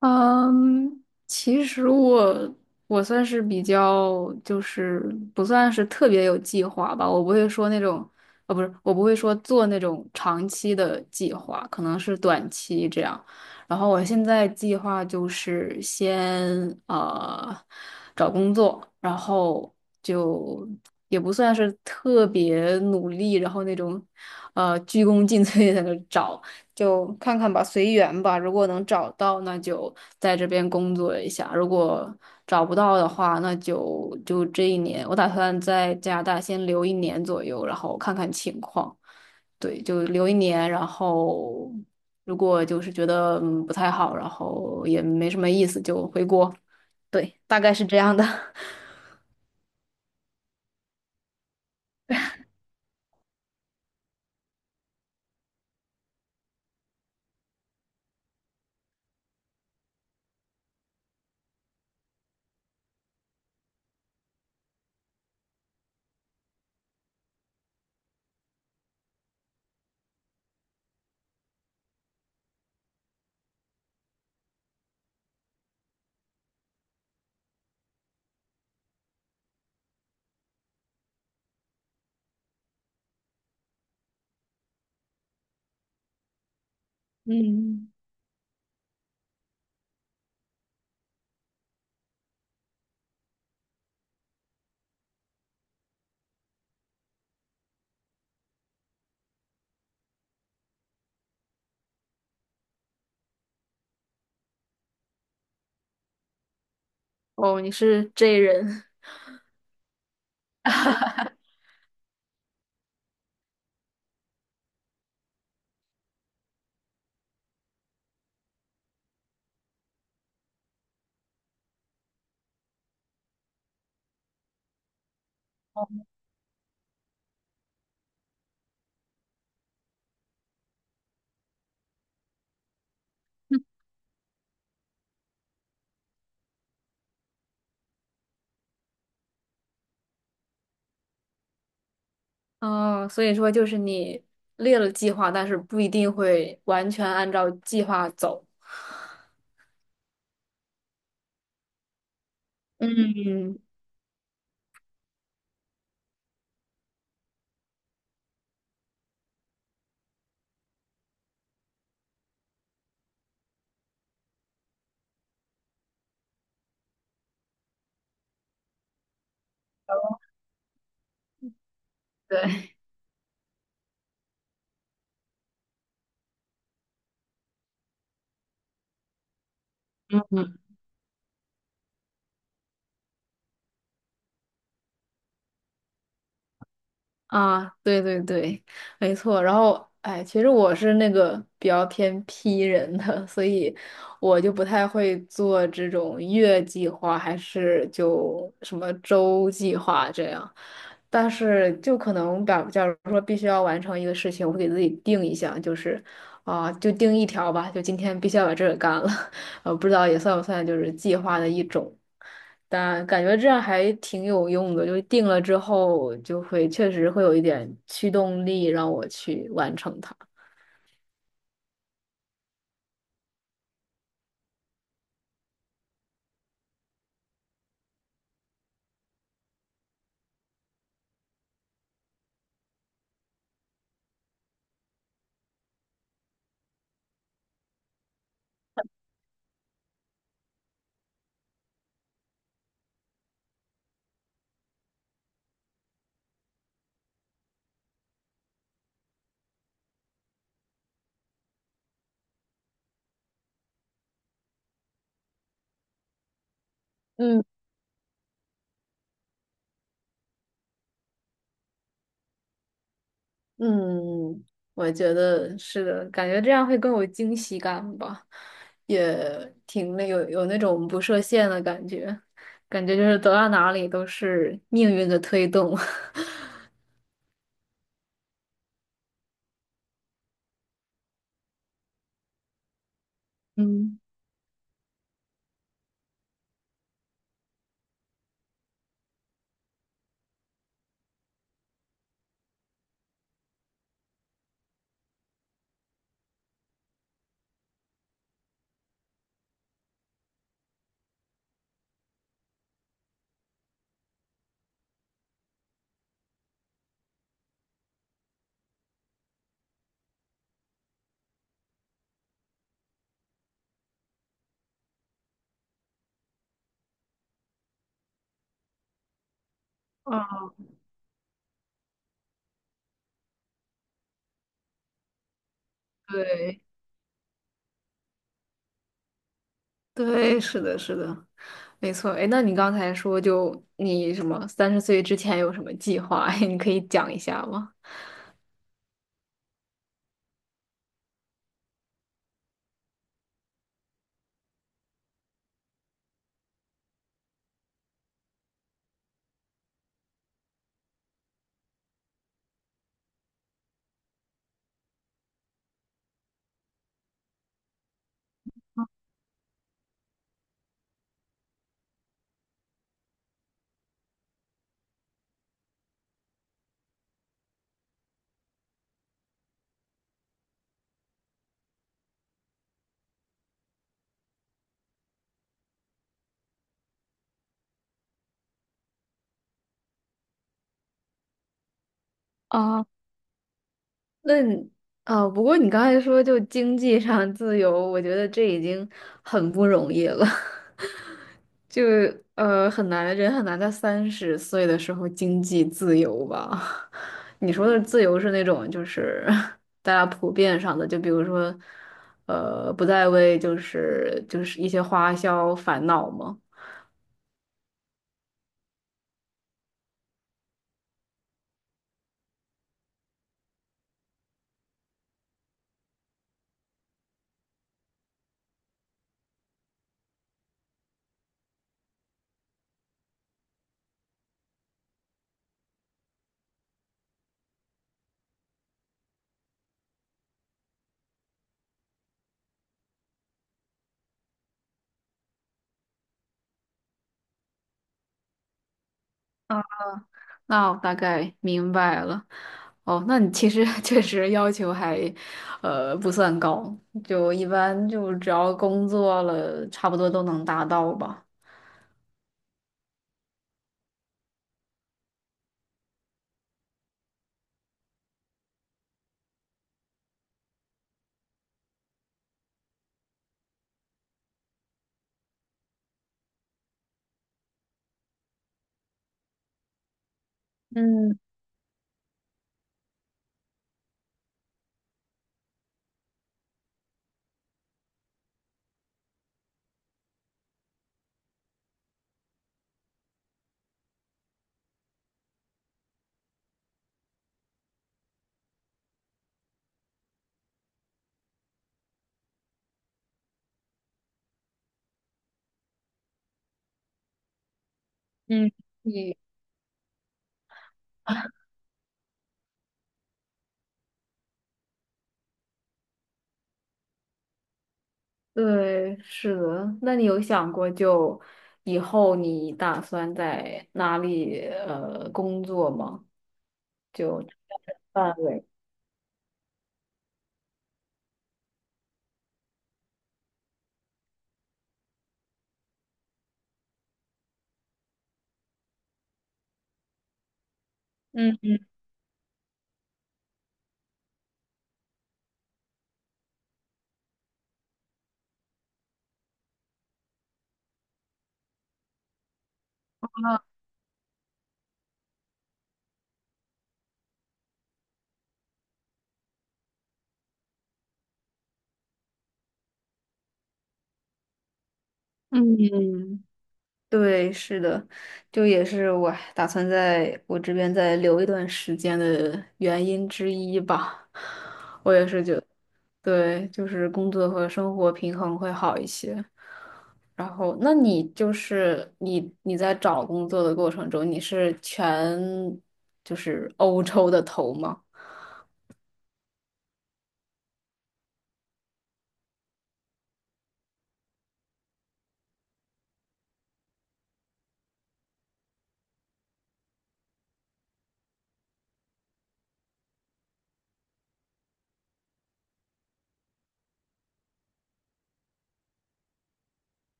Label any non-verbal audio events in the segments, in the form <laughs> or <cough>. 嗯，其实我算是比较，就是不算是特别有计划吧。我不会说那种，不是，我不会说做那种长期的计划，可能是短期这样。然后我现在计划就是先呃找工作，然后就也不算是特别努力，然后那种鞠躬尽 <laughs> 瘁在那找。就看看吧，随缘吧。如果能找到，那就在这边工作一下；如果找不到的话，那就这一年，我打算在加拿大先留一年左右，然后看看情况。对，就留一年，然后如果就是觉得不太好，然后也没什么意思，就回国。对，大概是这样的。<laughs> 嗯，哦，你是 J 人。<laughs> 哦，所以说就是你列了计划，但是不一定会完全按照计划走。嗯，对，嗯，啊，对对对，没错。然后，哎，其实我是那个比较偏 P 人的，所以我就不太会做这种月计划，还是就什么周计划这样。但是，就可能把，假如说必须要完成一个事情，我会给自己定一项，就是啊、就定一条吧，就今天必须要把这个干了。<laughs> 不知道也算不算就是计划的一种。但感觉这样还挺有用的，就定了之后就会确实会有一点驱动力让我去完成它。嗯嗯，我觉得是的，感觉这样会更有惊喜感吧，也挺有那种不设限的感觉，感觉就是走到哪里都是命运的推动。<laughs> 嗯。啊对对，是的，是的。没错，哎，那你刚才说就你什么三十岁之前有什么计划？<laughs> 你可以讲一下吗？啊，那你不过你刚才说就经济上自由，我觉得这已经很不容易了，<laughs> 就很难，人很难在三十岁的时候经济自由吧？<laughs> 你说的自由是那种就是 <laughs> 大家普遍上的，就比如说不再为就是一些花销烦恼吗？那我大概明白了。哦，那你其实 <laughs> 确实要求还，不算高，就一般就只要工作了，差不多都能达到吧。嗯嗯，你对，是的。那你有想过就以后你打算在哪里工作吗？就范围。嗯嗯。对，是的，就也是我打算在我这边再留一段时间的原因之一吧。我也是觉得，对，就是工作和生活平衡会好一些。然后，那你就是你你在找工作的过程中，你是全就是欧洲的头吗？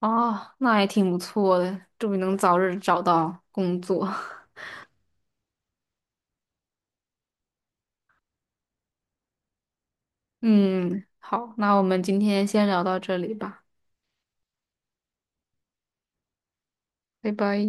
哦，那也挺不错的，祝你能早日找到工作。<laughs> 嗯，好，那我们今天先聊到这里吧，拜拜。